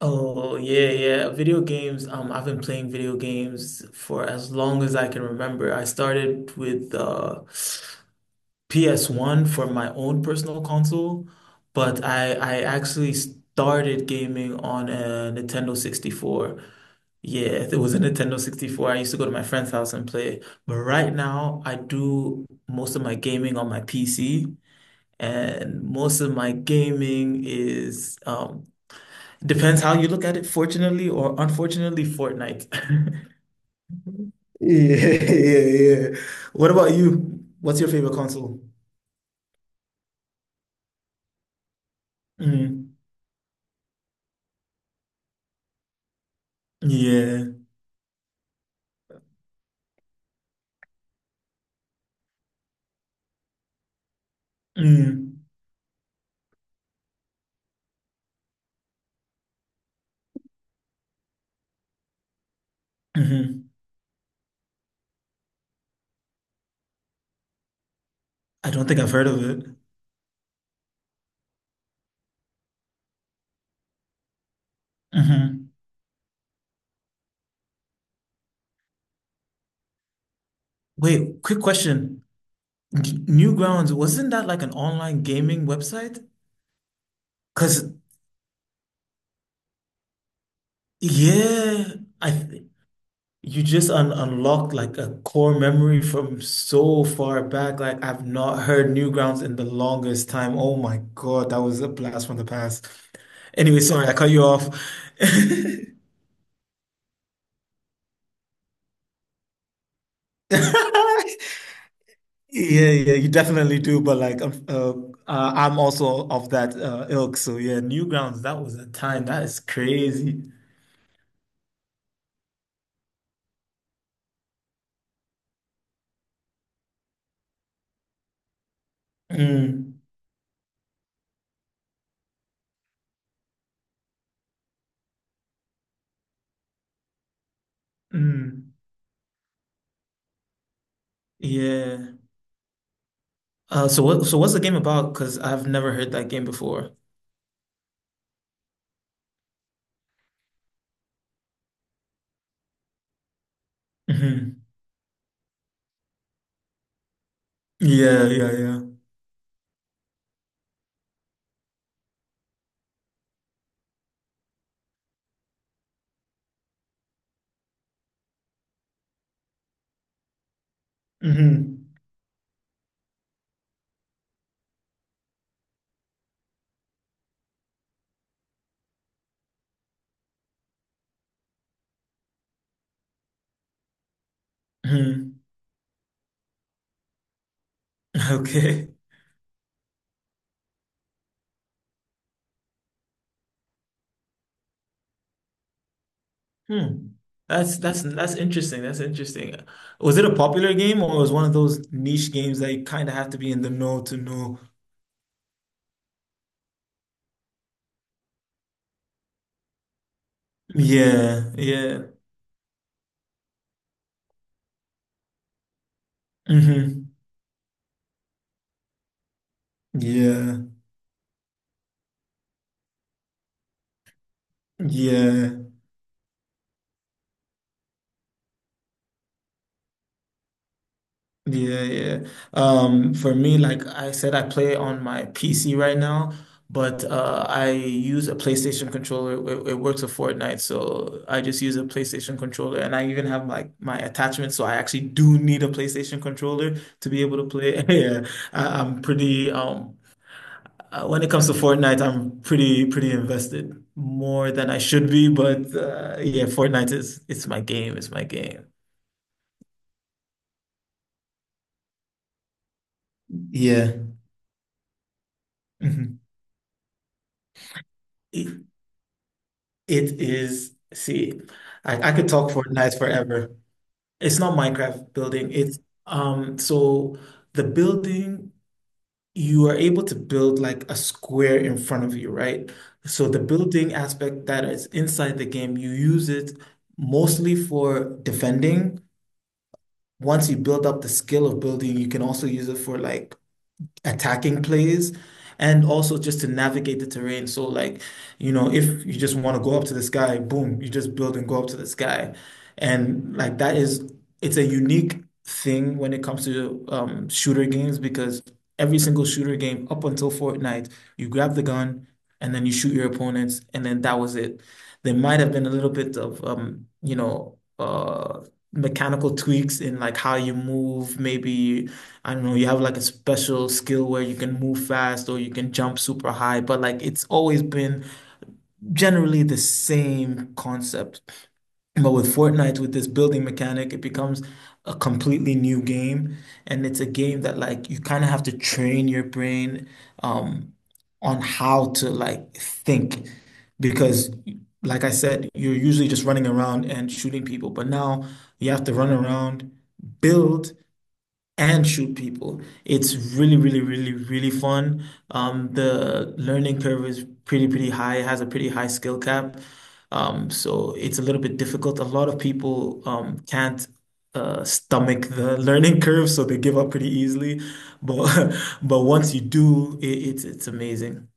Oh yeah, yeah. Video games. I've been playing video games for as long as I can remember. I started with PS1 for my own personal console, but I actually started gaming on a Nintendo 64. Yeah, there was a Nintendo 64. I used to go to my friend's house and play. But right now, I do most of my gaming on my PC, and most of my gaming is depends how you look at it, fortunately or unfortunately, Fortnite. Yeah, yeah, yeah. What about you? What's your favorite console? Mm, yeah. Mm, hmm. I don't think I've heard of it. Hmm. Wait, quick question. Newgrounds, wasn't that like an online gaming website? Because, yeah, I th you just un unlocked like a core memory from so far back. Like, I've not heard Newgrounds in the longest time. Oh my God, that was a blast from the past. Anyway, sorry, I cut you off. Yeah, yeah, you definitely do. But I'm also of that ilk. So yeah, Newgrounds, that was a time. That is crazy. Mm, mm, yeah. So what's the game about? Because I've never heard that game before. Hmm. Yeah, yeah, yeah. Hmm. Hmm. Okay. Hmm. That's interesting. That's interesting. Was it a popular game or was one of those niche games that you kind of have to be in the know to know? Yeah, yeah. Hmm. Yeah, yeah, yeah, yeah. For me, like I said, I play on my PC right now, but I use a PlayStation controller. It works with Fortnite, so I just use a PlayStation controller, and I even have like my attachment, so I actually do need a PlayStation controller to be able to play. Yeah, I'm pretty when it comes to Fortnite, I'm pretty invested more than I should be, but yeah, Fortnite is it's my game, it's my game. Yeah. Mhm. it is, see, I could talk Fortnite forever. It's not Minecraft building. It's so The building, you are able to build like a square in front of you, right? So the building aspect that is inside the game, you use it mostly for defending. Once you build up the skill of building, you can also use it for like attacking plays and also just to navigate the terrain. So like, you know, if you just want to go up to this guy, boom, you just build and go up to this guy, and like that is it's a unique thing when it comes to shooter games. Because every single shooter game up until Fortnite, you grab the gun and then you shoot your opponents and then that was it. There might have been a little bit of you know, mechanical tweaks in like how you move, maybe I don't know, you have like a special skill where you can move fast or you can jump super high, but like it's always been generally the same concept. But with Fortnite, with this building mechanic, it becomes a completely new game. And it's a game that like you kind of have to train your brain um, on how to like think. Because like I said, you're usually just running around and shooting people. But now you have to run around, build, and shoot people. It's really, really, really, really fun. The learning curve is pretty, pretty high. It has a pretty high skill cap. So it's a little bit difficult. A lot of people can't stomach the learning curve, so they give up pretty easily. But but once you do, it's amazing.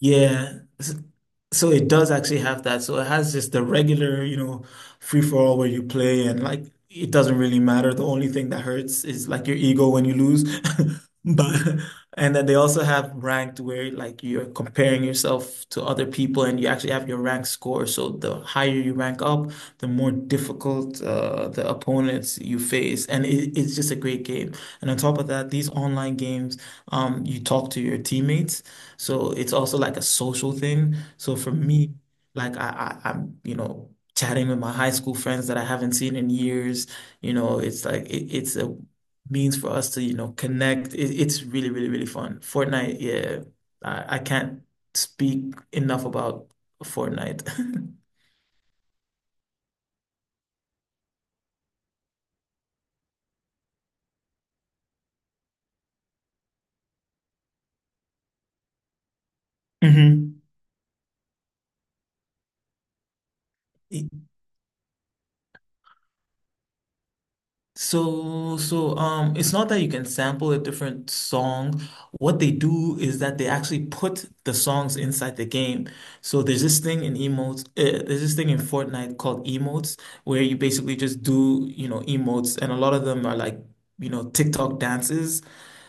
Yeah. So it does actually have that. So it has just the regular, you know, free for all where you play and like it doesn't really matter. The only thing that hurts is like your ego when you lose. But and then they also have ranked where like you're comparing yourself to other people and you actually have your rank score. So the higher you rank up, the more difficult the opponents you face. And it's just a great game. And on top of that, these online games, you talk to your teammates. So it's also like a social thing. So for me, like I'm, you know, chatting with my high school friends that I haven't seen in years, you know, it's like it's a means for us to, you know, connect. It's really, really, really fun. Fortnite, yeah, I can't speak enough about Fortnite. Hmm. It's not that you can sample a different song. What they do is that they actually put the songs inside the game. So there's this thing in emotes, there's this thing in Fortnite called emotes, where you basically just do, you know, emotes, and a lot of them are like, you know, TikTok dances.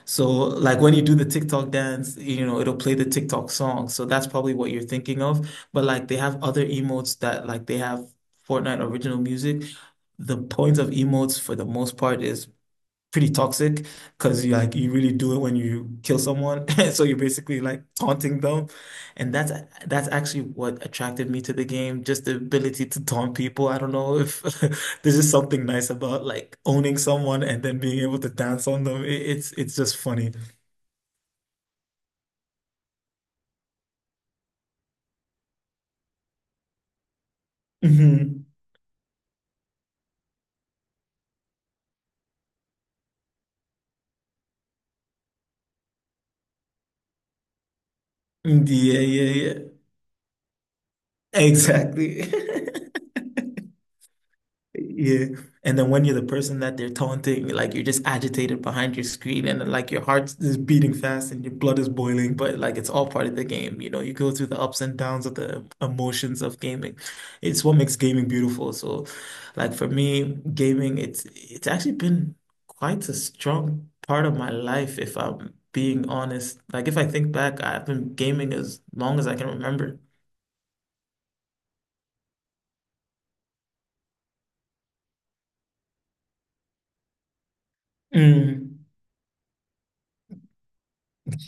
So like when you do the TikTok dance, you know, it'll play the TikTok song. So that's probably what you're thinking of. But like they have other emotes that like they have Fortnite original music. The point of emotes for the most part is pretty toxic because you really do it when you kill someone. So you're basically like taunting them. And that's actually what attracted me to the game, just the ability to taunt people. I don't know if there's just something nice about like owning someone and then being able to dance on them. It's just funny. Hmm. Yeah, yeah, yeah. Exactly. Yeah. And then when you're the person that they're taunting, like you're just agitated behind your screen and like your heart is beating fast and your blood is boiling, but like it's all part of the game. You know, you go through the ups and downs of the emotions of gaming. It's what makes gaming beautiful. So like for me, gaming, it's actually been quite a strong part of my life, if I'm being honest. Like if I think back, I've been gaming as long as I can remember. Mm.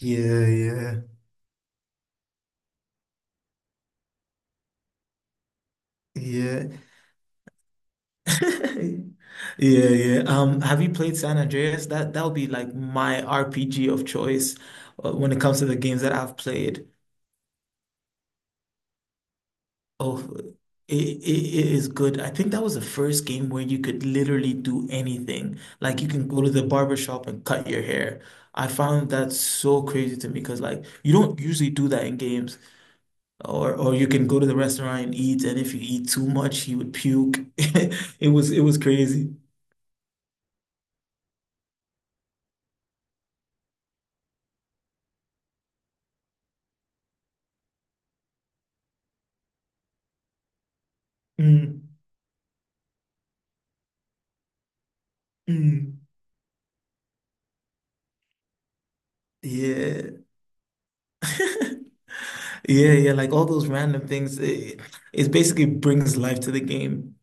Yeah, yeah. Yeah, yeah, yeah. Have you played San Andreas? That would be like my RPG of choice when it comes to the games that I've played. Oh, it is good. I think that was the first game where you could literally do anything. Like you can go to the barber shop and cut your hair. I found that so crazy to me because like you don't usually do that in games. Or you can go to the restaurant and eat, and if you eat too much, you would puke. It was crazy. Mm, mm. Yeah. Yeah, yeah, like all those random things. It basically brings life to the game.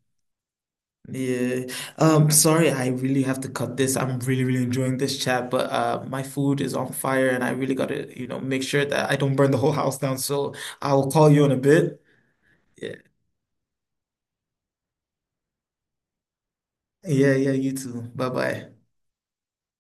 Yeah. Sorry, I really have to cut this. I'm really, really enjoying this chat, but my food is on fire and I really gotta, you know, make sure that I don't burn the whole house down. So I will call you in a bit. Yeah. Yeah, yeah, you too. Bye bye.